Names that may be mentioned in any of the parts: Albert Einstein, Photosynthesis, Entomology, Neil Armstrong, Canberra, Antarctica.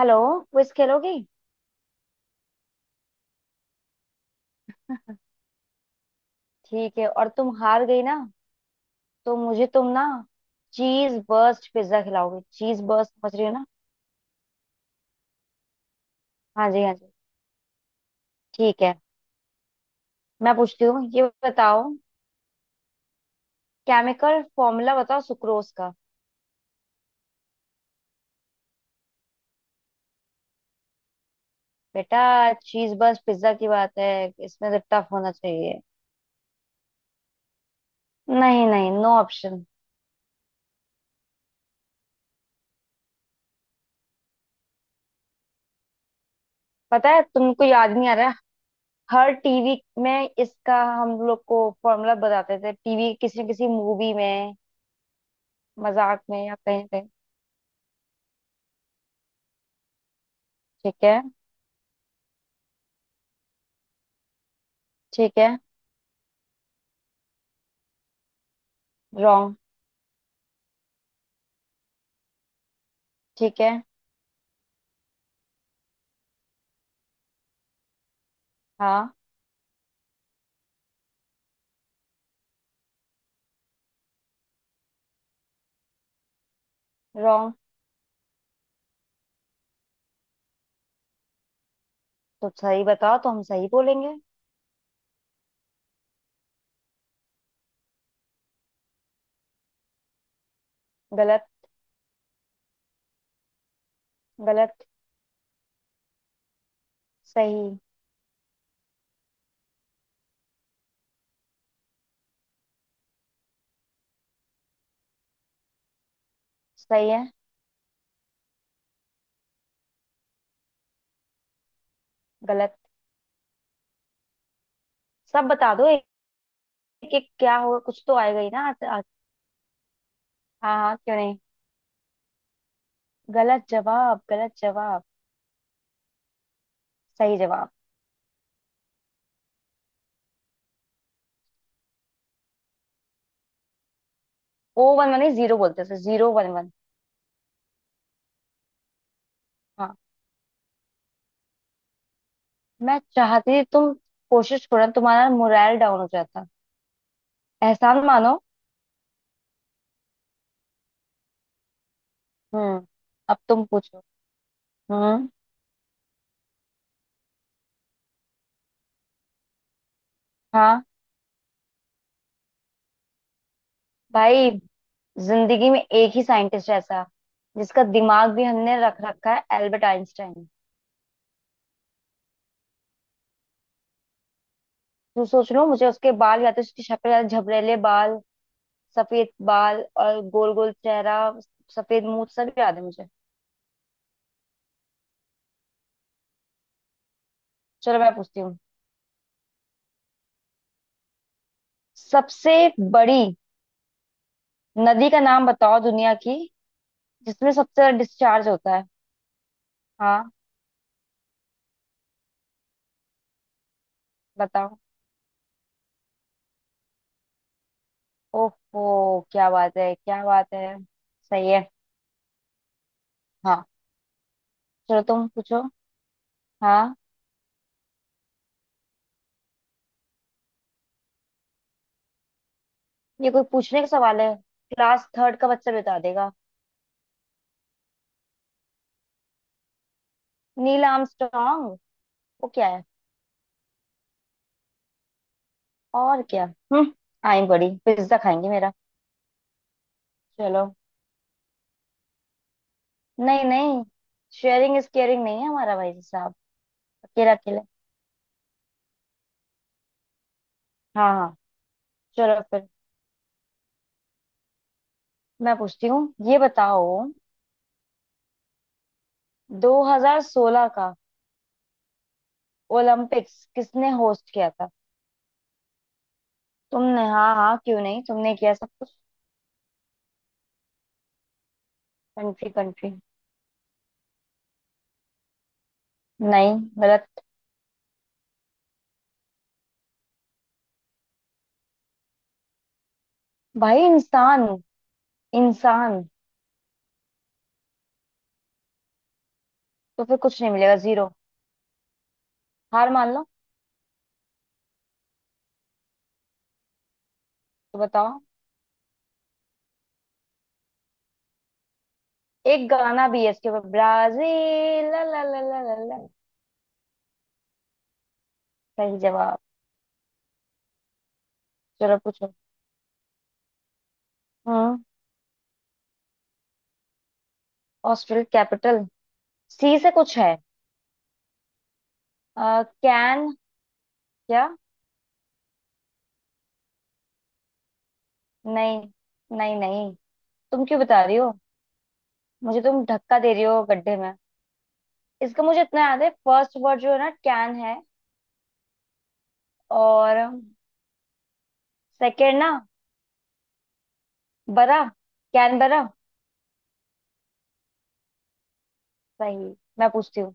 Hello. Quiz खेलोगी? ठीक है। और तुम हार गई ना, तो मुझे तुम ना चीज बर्स्ट पिज्जा खिलाओगे। चीज बर्स्ट, समझ रही हो ना? हाँ जी, हाँ जी। ठीक है, मैं पूछती हूँ, ये बताओ, केमिकल फॉर्मूला बताओ सुक्रोज का। बेटा, चीज बर्स्ट पिज्जा की बात है, इसमें तो टफ होना चाहिए। नहीं नहीं, नो ऑप्शन। पता है, तुमको याद नहीं आ रहा है। हर टीवी में इसका हम लोग को फॉर्मूला बताते थे। टीवी, किसी न किसी मूवी में, मजाक में, या कहीं कहीं। ठीक है। ठीक है। रॉन्ग। ठीक है। हाँ। रॉन्ग। तो सही बताओ, तो हम सही बोलेंगे। गलत। गलत। सही। सही है। गलत। सब बता दो एक। एक क्या होगा? कुछ तो आएगा ही ना। आ- हाँ हाँ, क्यों नहीं। गलत जवाब, गलत जवाब। सही जवाब। ओ वन वन जीरो बोलते हैं, जीरो वन वन। हाँ। मैं चाहती थी तुम कोशिश करो, तुम्हारा मोरल डाउन हो जाता। एहसान मानो। हम्म। अब तुम पूछो। हम्म। हाँ, भाई जिंदगी में एक ही साइंटिस्ट ऐसा जिसका दिमाग भी हमने रख रखा है, एल्बर्ट आइंस्टाइन। तू सोच लो, मुझे उसके बाल, या तो उसकी शक्ल, या झबरेले बाल, सफेद बाल और गोल गोल चेहरा, सफेद मुंह, सब याद है मुझे। चलो मैं पूछती हूँ, सबसे बड़ी नदी का नाम बताओ दुनिया की, जिसमें सबसे ज्यादा डिस्चार्ज होता है। हाँ। बताओ। ओहो, क्या बात है, क्या बात है। सही है। हाँ। चलो तुम पूछो। हाँ। ये कोई पूछने का सवाल है? क्लास थर्ड का बच्चा बता देगा। Neil Armstrong. वो क्या है? और क्या। हम्म। आई एम, बड़ी पिज्जा खाएंगे मेरा। चलो। नहीं नहीं, शेयरिंग इज केयरिंग नहीं है हमारा, भाई साहब। अकेला अकेला। हाँ हाँ। चलो फिर, मैं पूछती हूँ, ये बताओ, 2016 का ओलंपिक्स किसने होस्ट किया था? तुमने? हाँ हाँ, क्यों नहीं, तुमने किया सब कुछ। Country, country. नहीं। गलत। भाई, इंसान, इंसान। तो फिर कुछ नहीं मिलेगा, जीरो। हार मान लो। तो बताओ, एक गाना भी है इसके ऊपर, ब्राजील, ला ला ला ला ला ला। सही जवाब। चलो पूछो। हम्म। ऑस्ट्रेलिया कैपिटल, सी से कुछ है। कैन, क्या। नहीं। नहीं नहीं। तुम क्यों बता रही हो? मुझे तुम धक्का दे रही हो गड्ढे में। इसका मुझे इतना याद है, फर्स्ट वर्ड जो है ना कैन है, और सेकेंड ना, बरा, कैन बरा। सही। मैं पूछती हूँ,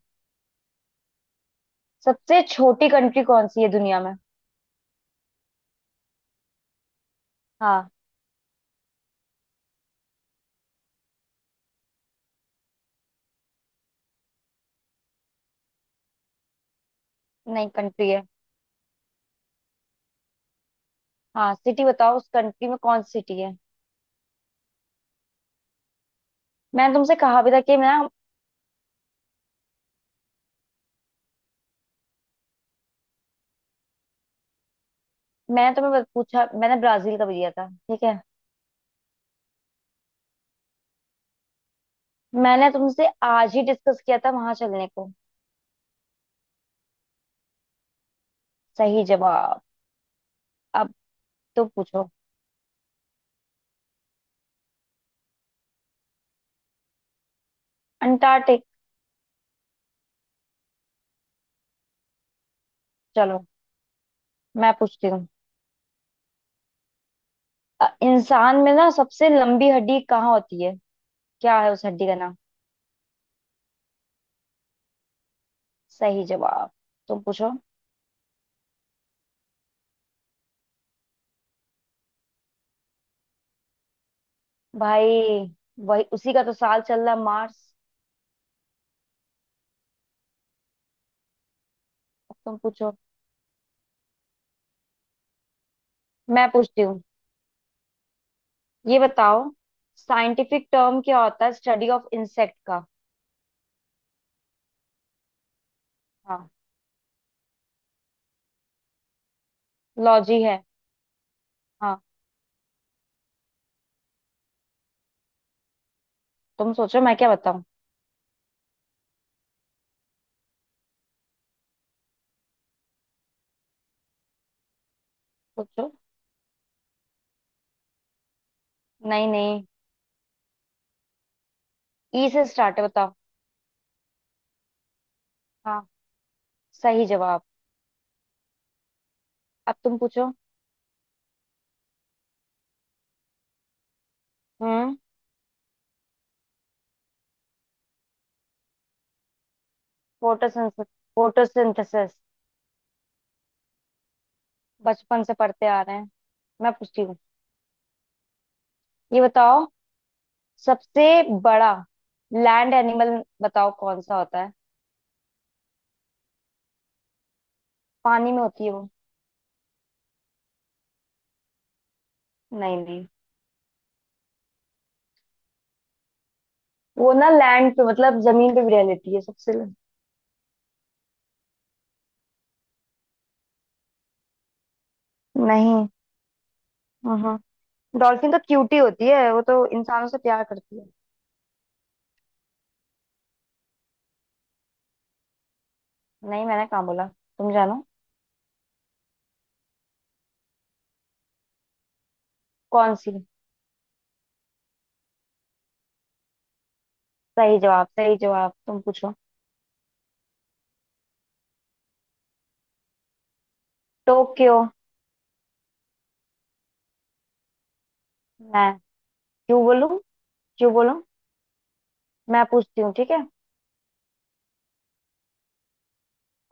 सबसे छोटी कंट्री कौन सी है दुनिया में? हाँ। नहीं, कंट्री है। हाँ, सिटी बताओ, उस कंट्री में कौन सी सिटी है। मैंने तुमसे कहा भी था कि मैं ना, मैंने तुम्हें बस पूछा। मैंने ब्राजील का भी दिया था, ठीक है, मैंने तुमसे आज ही डिस्कस किया था वहां चलने को। सही जवाब। अब तो पूछो। अंटार्कटिक। चलो मैं पूछती हूँ, इंसान में ना सबसे लंबी हड्डी कहाँ होती है, क्या है उस हड्डी का नाम? सही जवाब। तुम पूछो। भाई, वही, उसी का तो साल चल रहा है, मार्स। अब तुम पूछो। मैं पूछती हूँ, ये बताओ, साइंटिफिक टर्म क्या होता है स्टडी ऑफ इंसेक्ट का? हाँ। लॉजी है। हाँ। तुम सोचो, मैं क्या बताऊं। सोचो। नहीं नहीं। ई से स्टार्ट है, बताओ। हाँ, सही जवाब। अब तुम पूछो। हम्म। फोटोसिंथेसिस। फोटोसिंथेसिस। बचपन से पढ़ते आ रहे हैं। मैं पूछती हूँ, ये बताओ, सबसे बड़ा लैंड एनिमल बताओ कौन सा होता है। पानी में होती है वो। नहीं नहीं, वो ना लैंड पे मतलब जमीन पे भी रह लेती है, सबसे। नहीं। हम्म। डॉल्फिन तो क्यूटी होती है, वो तो इंसानों से प्यार करती है। नहीं, मैंने कहाँ बोला, तुम जानो। कौन सी? सही जवाब, सही जवाब। तुम पूछो। टोक्यो। मैं? क्यों बोलूं, क्यों बोलूं? मैं पूछती हूँ, ठीक है,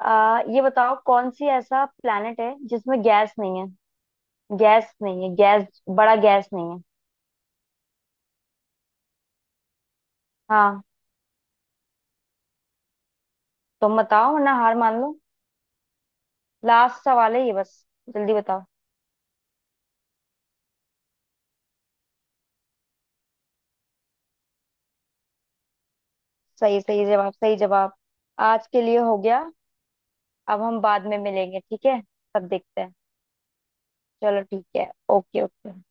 ये बताओ, कौन सी ऐसा प्लेनेट है जिसमें गैस नहीं है? गैस नहीं है, गैस बड़ा गैस नहीं है। हाँ। तुम बताओ, वरना हार मान लो। लास्ट सवाल है ये, बस जल्दी बताओ। सही, सही जवाब, सही जवाब। आज के लिए हो गया। अब हम बाद में मिलेंगे, ठीक है? तब देखते हैं। चलो ठीक है। Okay, okay.